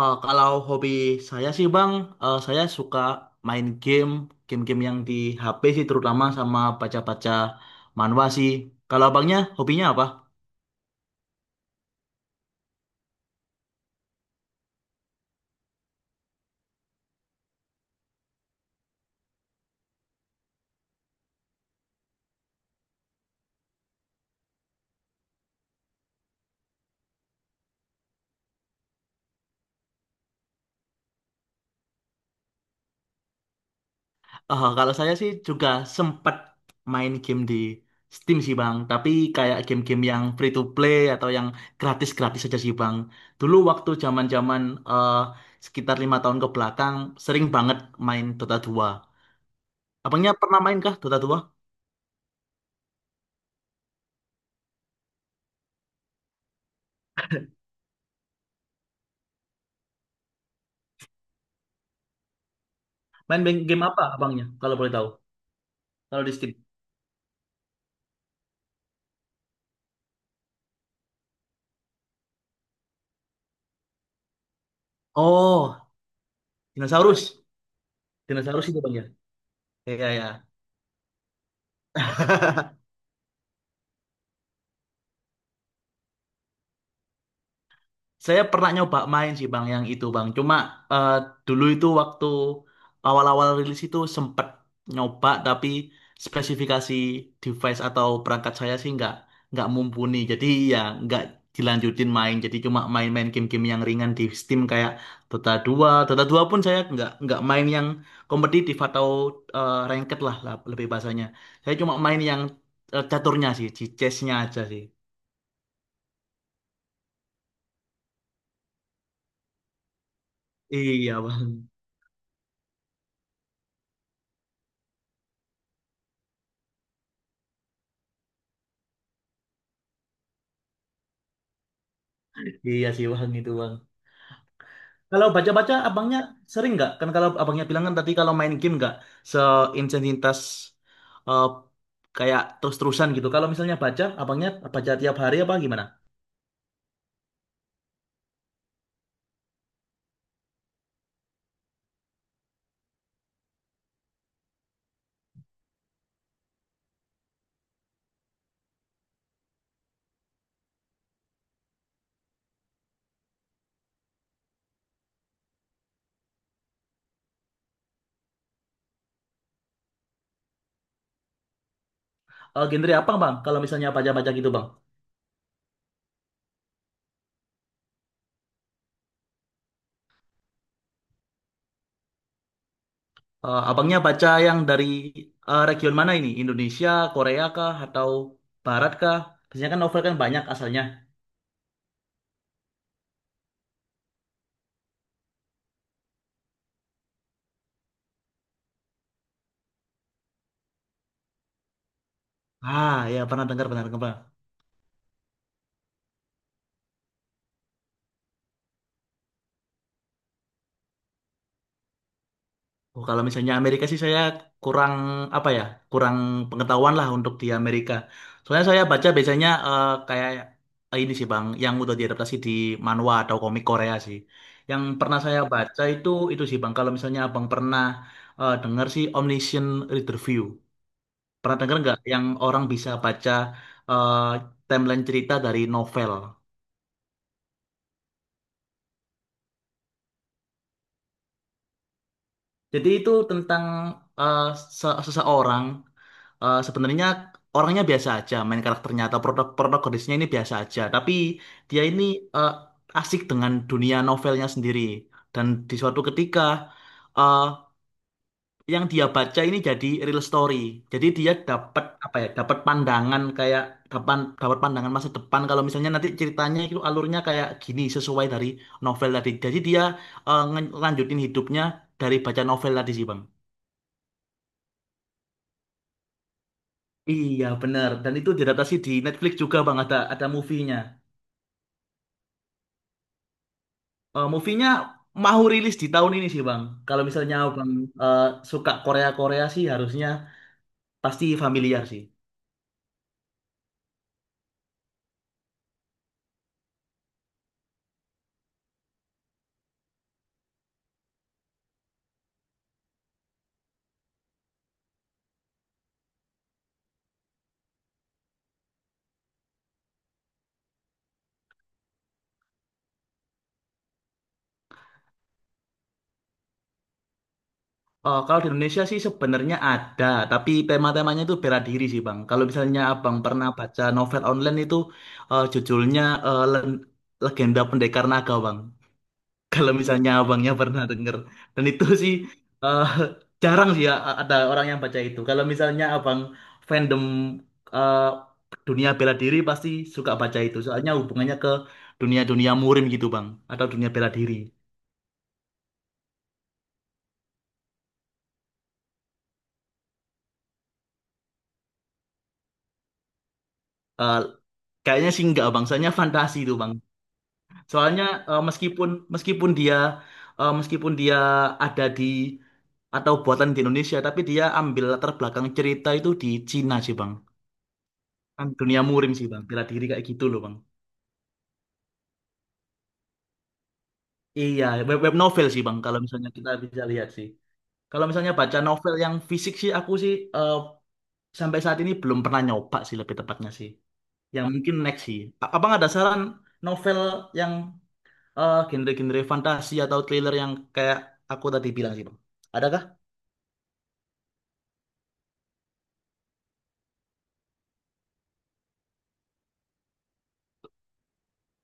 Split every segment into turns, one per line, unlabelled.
Kalau hobi saya sih Bang, saya suka main game, game-game yang di HP sih terutama sama baca-baca manhwa sih. Kalau abangnya hobinya apa? Kalau saya sih juga sempat main game di Steam sih Bang, tapi kayak game-game yang free to play atau yang gratis-gratis aja sih Bang. Dulu waktu zaman-zaman eh, sekitar 5 tahun ke belakang sering banget main Dota 2. Abangnya pernah main kah Dota 2? Main game game apa abangnya kalau boleh tahu? Kalau di Steam? Oh, dinosaurus. Dinosaurus itu Bang ya? Iya, ya. Saya pernah nyoba main sih Bang yang itu Bang. Cuma eh, dulu itu waktu awal-awal rilis itu sempet nyoba tapi spesifikasi device atau perangkat saya sih nggak mumpuni. Jadi ya nggak dilanjutin main. Jadi cuma main-main game-game yang ringan di Steam kayak Dota 2. Dota 2 pun saya nggak main yang kompetitif atau ranked lah, lebih bahasanya. Saya cuma main yang caturnya sih, di chessnya aja sih. Iya Bang. Iya sih Bang itu Bang. Kalau baca-baca abangnya sering nggak? Kan kalau abangnya bilang kan tadi kalau main game nggak seintensitas eh, kayak terus-terusan gitu. Kalau misalnya baca, abangnya baca tiap hari apa gimana? Genre apa bang? Kalau misalnya baca-baca gitu bang? Abangnya baca yang dari region mana ini? Indonesia, Korea kah? Atau Barat kah? Biasanya kan novel kan banyak asalnya. Ah ya, pernah dengar. Oh, kalau misalnya Amerika sih saya kurang apa ya, kurang pengetahuan lah untuk di Amerika. Soalnya saya baca biasanya kayak ini sih Bang, yang udah diadaptasi di manhwa atau komik Korea sih. Yang pernah saya baca itu sih Bang, kalau misalnya Abang pernah dengar sih Omniscient Reader View. Pernah dengar nggak yang orang bisa baca eh, timeline cerita dari novel? Jadi itu tentang eh, seseorang, sebenarnya orangnya biasa aja, main karakternya atau produk protagonisnya ini biasa aja, tapi dia ini eh, asik dengan dunia novelnya sendiri. Dan di suatu ketika eh, yang dia baca ini jadi real story. Jadi dia dapat apa ya? Dapat pandangan kayak dapat dapat pandangan masa depan kalau misalnya nanti ceritanya itu alurnya kayak gini sesuai dari novel tadi. Jadi dia ngelanjutin hidupnya dari baca novel tadi sih, Bang. Iya benar, dan itu diadaptasi di Netflix juga Bang, ada movie-nya. Eh, movie-nya mau rilis di tahun ini sih Bang. Kalau misalnya Bang eh, suka Korea-Korea sih harusnya pasti familiar sih. Eh, kalau di Indonesia sih sebenarnya ada tapi tema-temanya itu bela diri sih Bang. Kalau misalnya Abang pernah baca novel online itu judulnya eh, Len- Legenda Pendekar Naga Bang. Kalau misalnya abangnya pernah denger. Dan itu sih eh, jarang sih ya ada orang yang baca itu. Kalau misalnya abang fandom eh, dunia bela diri pasti suka baca itu. Soalnya hubungannya ke dunia-dunia murim gitu bang. Atau dunia bela diri. Eh, kayaknya sih enggak bang. Soalnya fantasi itu bang. Soalnya eh, meskipun meskipun dia eh, meskipun dia ada di atau buatan di Indonesia. Tapi dia ambil latar belakang cerita itu di Cina sih bang. Kan dunia murim sih bang. Bela diri kayak gitu loh bang. Iya, web novel sih Bang, kalau misalnya kita bisa lihat sih. Kalau misalnya baca novel yang fisik sih, aku sih sampai saat ini belum pernah nyoba sih lebih tepatnya sih. Yang mungkin next sih. Abang ada saran novel yang genre-genre fantasi atau thriller yang kayak aku tadi bilang sih Bang? Adakah?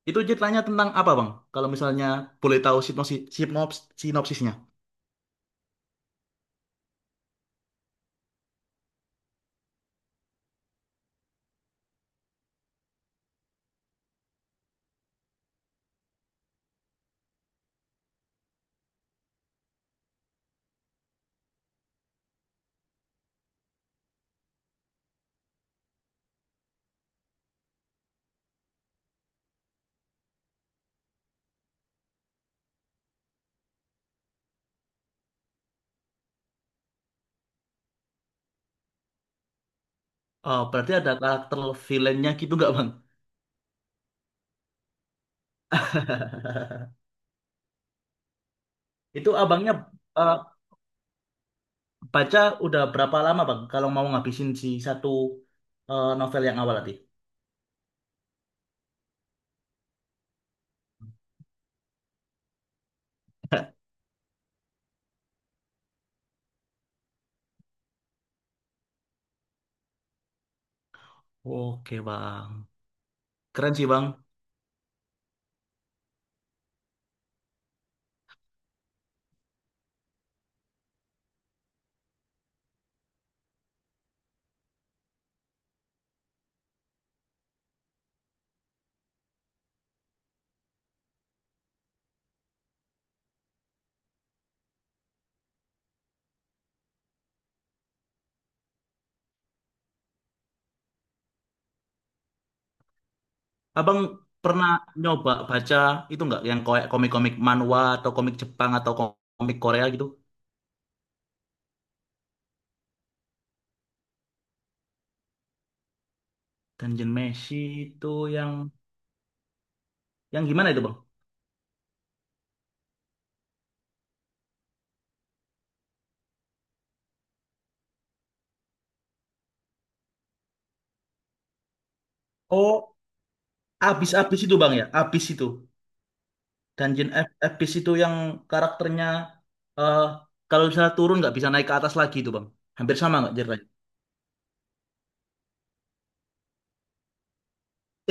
Itu ceritanya tentang apa Bang? Kalau misalnya boleh tahu sinopsis, sinopsisnya. Oh, berarti ada karakter villainnya gitu nggak Bang? Itu abangnya eh, baca udah berapa lama Bang kalau mau ngabisin si satu novel yang awal tadi? Oke Bang, keren sih Bang. Abang pernah nyoba baca itu nggak yang kayak komik-komik manhwa atau komik Jepang atau komik Korea gitu? Dungeon Meshi itu yang yang gimana itu Bang? Oh, abis-abis itu Bang ya, abis itu. Dungeon abis itu yang karakternya eh kalau misalnya turun nggak bisa naik ke atas lagi itu Bang. Hampir sama nggak cerita?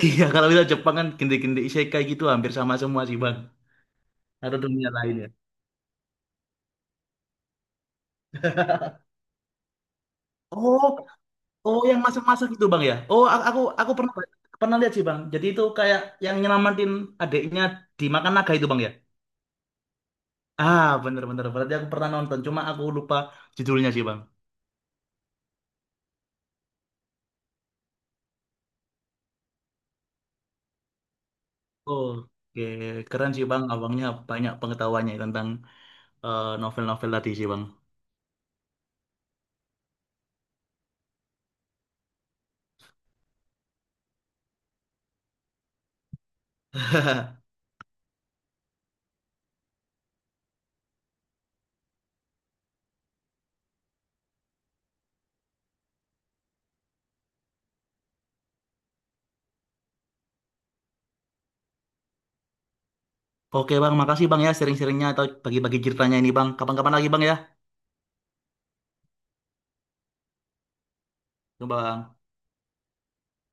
Iya, kalau kita Jepang kan gende-gende isekai gitu hampir sama semua sih bang. Atau dunia lain ya. Oh, oh yang masak-masak itu bang ya. Oh, aku pernah pernah lihat sih bang. Jadi itu kayak yang nyelamatin adiknya dimakan naga itu bang ya. Ah, bener-bener. Berarti aku pernah nonton. Cuma aku lupa judulnya sih bang. Oke, keren sih bang. Abangnya banyak pengetahuannya tentang novel-novel tadi sih bang. Oke bang, makasih bang ya sharing-sharingnya atau bagi-bagi ceritanya ini bang. Kapan-kapan lagi bang ya. Coba Bang.